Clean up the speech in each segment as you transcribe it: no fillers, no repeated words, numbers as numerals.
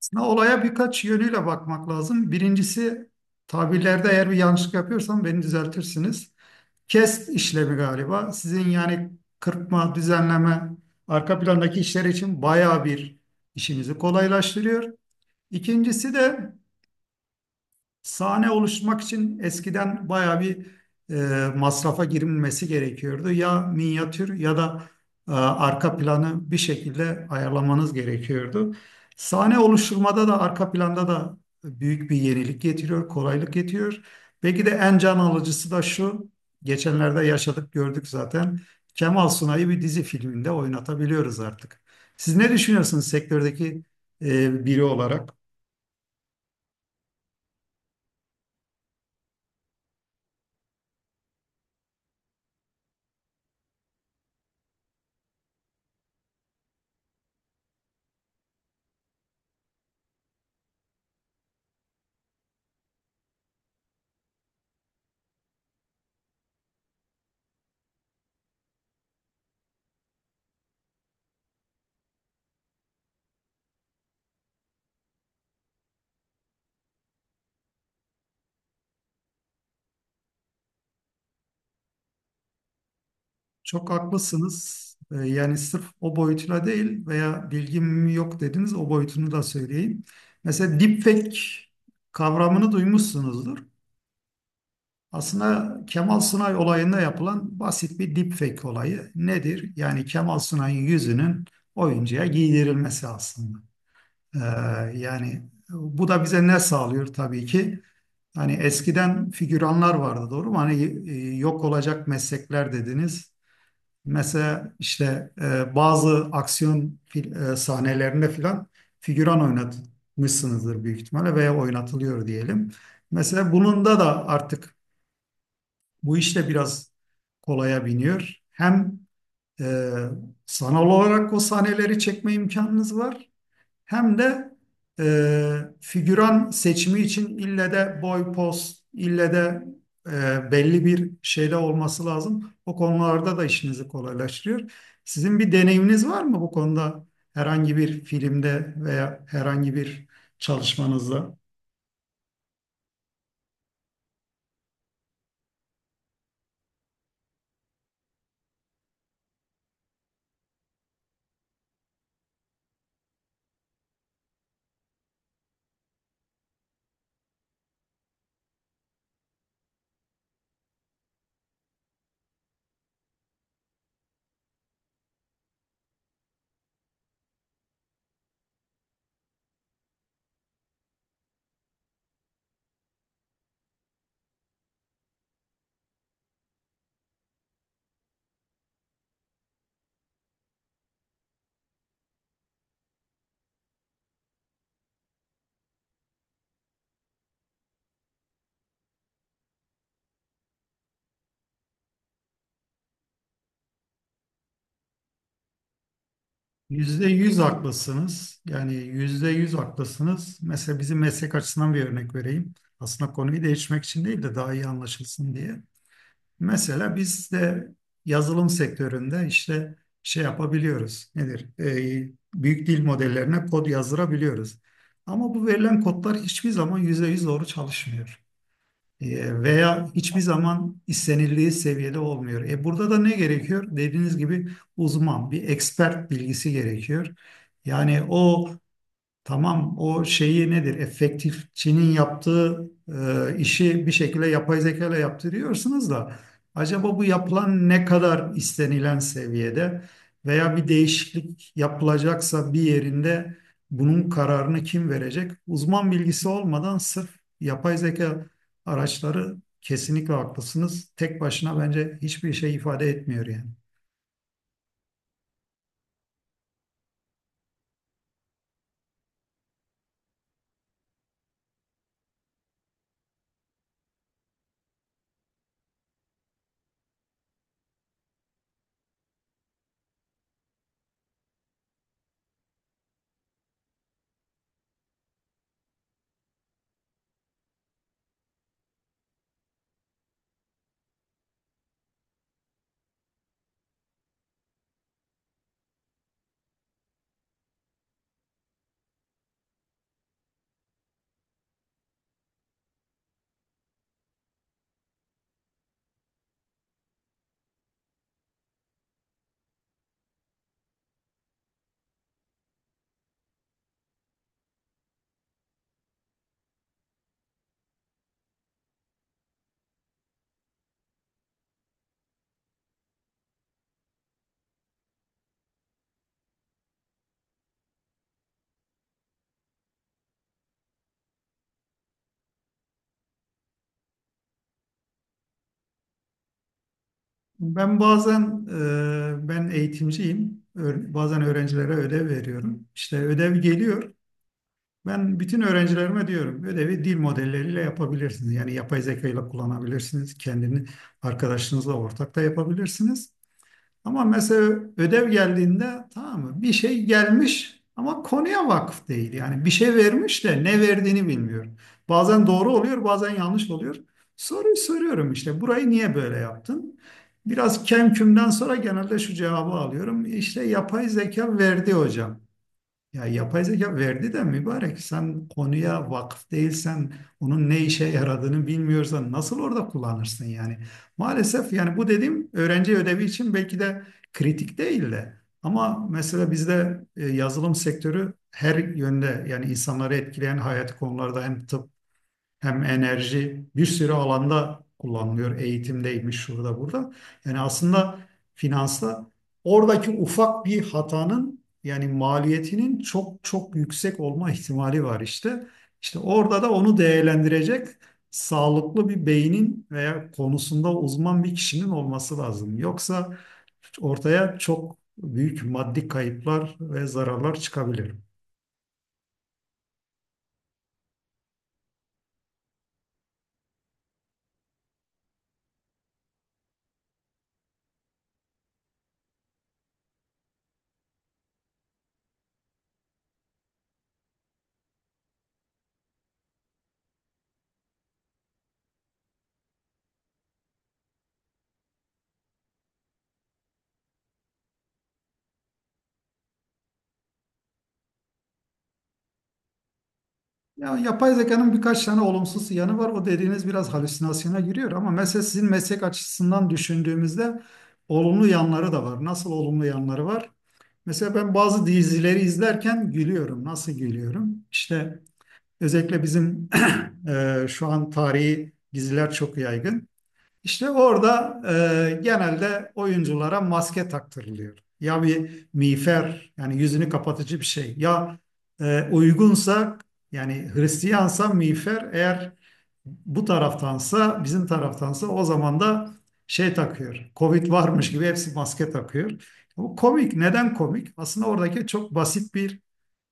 Aslında olaya birkaç yönüyle bakmak lazım. Birincisi tabirlerde eğer bir yanlışlık yapıyorsam beni düzeltirsiniz. Kes işlemi galiba. Sizin yani kırpma, düzenleme, arka plandaki işler için bayağı bir işinizi kolaylaştırıyor. İkincisi de sahne oluşturmak için eskiden bayağı bir masrafa girilmesi gerekiyordu. Ya minyatür ya da arka planı bir şekilde ayarlamanız gerekiyordu. Sahne oluşturmada da arka planda da büyük bir yenilik getiriyor, kolaylık getiriyor. Belki de en can alıcısı da şu, geçenlerde yaşadık gördük zaten. Kemal Sunay'ı bir dizi filminde oynatabiliyoruz artık. Siz ne düşünüyorsunuz sektördeki biri olarak? Çok haklısınız. Yani sırf o boyutuyla değil veya bilgim yok dediniz o boyutunu da söyleyeyim. Mesela deepfake kavramını duymuşsunuzdur. Aslında Kemal Sunay olayında yapılan basit bir deepfake olayı nedir? Yani Kemal Sunay'ın yüzünün oyuncuya giydirilmesi aslında. Ee, Yani bu da bize ne sağlıyor tabii ki? Hani eskiden figüranlar vardı, doğru mu? Hani yok olacak meslekler dediniz. Mesela işte bazı sahnelerinde filan figüran oynatmışsınızdır büyük ihtimalle veya oynatılıyor diyelim. Mesela bununda da artık bu işte biraz kolaya biniyor. Hem e, sanal olarak o sahneleri çekme imkanınız var, hem de figüran seçimi için ille de boy, poz, ille de belli bir şeyde olması lazım. O konularda da işinizi kolaylaştırıyor. Sizin bir deneyiminiz var mı bu konuda, herhangi bir filmde veya herhangi bir çalışmanızda? Yüzde yüz haklısınız. Yani yüzde yüz haklısınız. Mesela bizim meslek açısından bir örnek vereyim. Aslında konuyu değişmek için değil de daha iyi anlaşılsın diye. Mesela biz de yazılım sektöründe işte şey yapabiliyoruz. Nedir? Büyük dil modellerine kod yazdırabiliyoruz. Ama bu verilen kodlar hiçbir zaman %100 doğru çalışmıyor. Veya hiçbir zaman istenildiği seviyede olmuyor. E, burada da ne gerekiyor? Dediğiniz gibi uzman, bir expert bilgisi gerekiyor. Yani o, tamam, o şeyi nedir? Efektifçinin yaptığı işi bir şekilde yapay zeka ile yaptırıyorsunuz da acaba bu yapılan ne kadar istenilen seviyede veya bir değişiklik yapılacaksa bir yerinde bunun kararını kim verecek? Uzman bilgisi olmadan sırf yapay zeka araçları, kesinlikle haklısınız. Tek başına bence hiçbir şey ifade etmiyor yani. Ben bazen ben eğitimciyim. Bazen öğrencilere ödev veriyorum. İşte ödev geliyor. Ben bütün öğrencilerime diyorum ödevi dil modelleriyle yapabilirsiniz. Yani yapay zeka ile kullanabilirsiniz. Kendini arkadaşınızla ortak da yapabilirsiniz. Ama mesela ödev geldiğinde, tamam mı, bir şey gelmiş ama konuya vakıf değil. Yani bir şey vermiş de ne verdiğini bilmiyor. Bazen doğru oluyor, bazen yanlış oluyor. Soruyu soruyorum, işte burayı niye böyle yaptın? Biraz kemkümden sonra genelde şu cevabı alıyorum: İşte yapay zeka verdi hocam. Ya yapay zeka verdi de mübarek, sen konuya vakıf değilsen onun ne işe yaradığını bilmiyorsan nasıl orada kullanırsın yani. Maalesef, yani bu dediğim öğrenci ödevi için belki de kritik değil de, ama mesela bizde yazılım sektörü her yönde, yani insanları etkileyen hayati konularda, hem tıp hem enerji, bir sürü alanda kullanılıyor. Eğitimdeymiş, şurada burada. Yani aslında finansta oradaki ufak bir hatanın yani maliyetinin çok çok yüksek olma ihtimali var işte. İşte orada da onu değerlendirecek sağlıklı bir beynin veya konusunda uzman bir kişinin olması lazım. Yoksa ortaya çok büyük maddi kayıplar ve zararlar çıkabilir. Ya yapay zekanın birkaç tane olumsuz yanı var. O dediğiniz biraz halüsinasyona giriyor, ama mesela sizin meslek açısından düşündüğümüzde olumlu yanları da var. Nasıl olumlu yanları var? Mesela ben bazı dizileri izlerken gülüyorum. Nasıl gülüyorum? İşte özellikle bizim şu an tarihi diziler çok yaygın. İşte orada genelde oyunculara maske taktırılıyor. Ya bir miğfer, yani yüzünü kapatıcı bir şey. Ya uygunsa, yani Hristiyansa miğfer, eğer bu taraftansa, bizim taraftansa, o zaman da şey takıyor. Covid varmış gibi hepsi maske takıyor. Bu komik. Neden komik? Aslında oradaki çok basit bir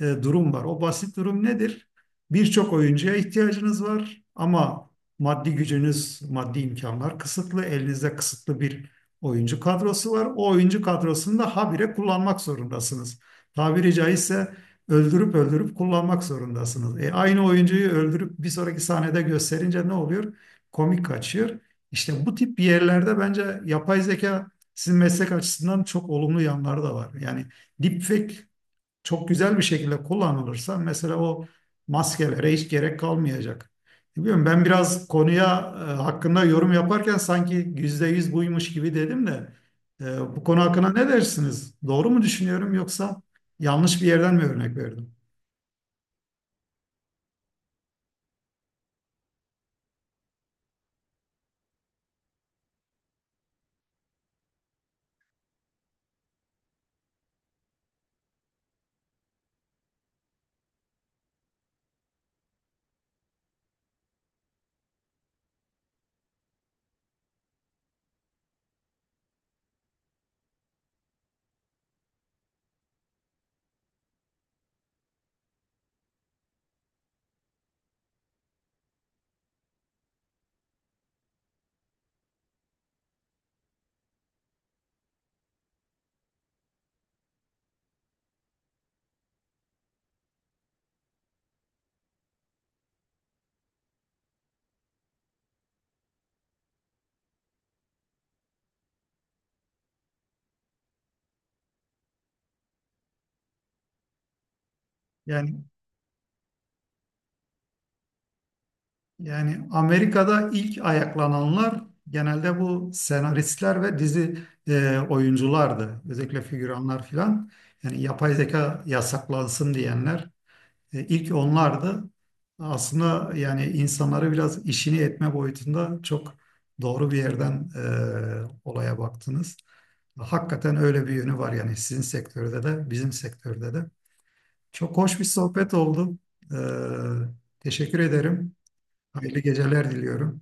durum var. O basit durum nedir? Birçok oyuncuya ihtiyacınız var ama maddi gücünüz, maddi imkanlar kısıtlı. Elinizde kısıtlı bir oyuncu kadrosu var. O oyuncu kadrosunu da habire kullanmak zorundasınız. Tabiri caizse öldürüp öldürüp kullanmak zorundasınız. E, aynı oyuncuyu öldürüp bir sonraki sahnede gösterince ne oluyor? Komik kaçıyor. İşte bu tip yerlerde bence yapay zeka, sizin meslek açısından çok olumlu yanları da var. Yani deepfake çok güzel bir şekilde kullanılırsa mesela o maskelere hiç gerek kalmayacak. Bilmiyorum, ben biraz konuya hakkında yorum yaparken sanki yüzde yüz buymuş gibi dedim de, bu konu hakkında ne dersiniz? Doğru mu düşünüyorum yoksa yanlış bir yerden mi örnek verdim? Yani yani Amerika'da ilk ayaklananlar genelde bu senaristler ve dizi oyunculardı. Özellikle figüranlar filan. Yani yapay zeka yasaklansın diyenler. E, ilk onlardı. Aslında yani insanları biraz işini etme boyutunda çok doğru bir yerden olaya baktınız. Hakikaten öyle bir yönü var yani, sizin sektörde de bizim sektörde de. Çok hoş bir sohbet oldu. E, teşekkür ederim. Hayırlı geceler diliyorum.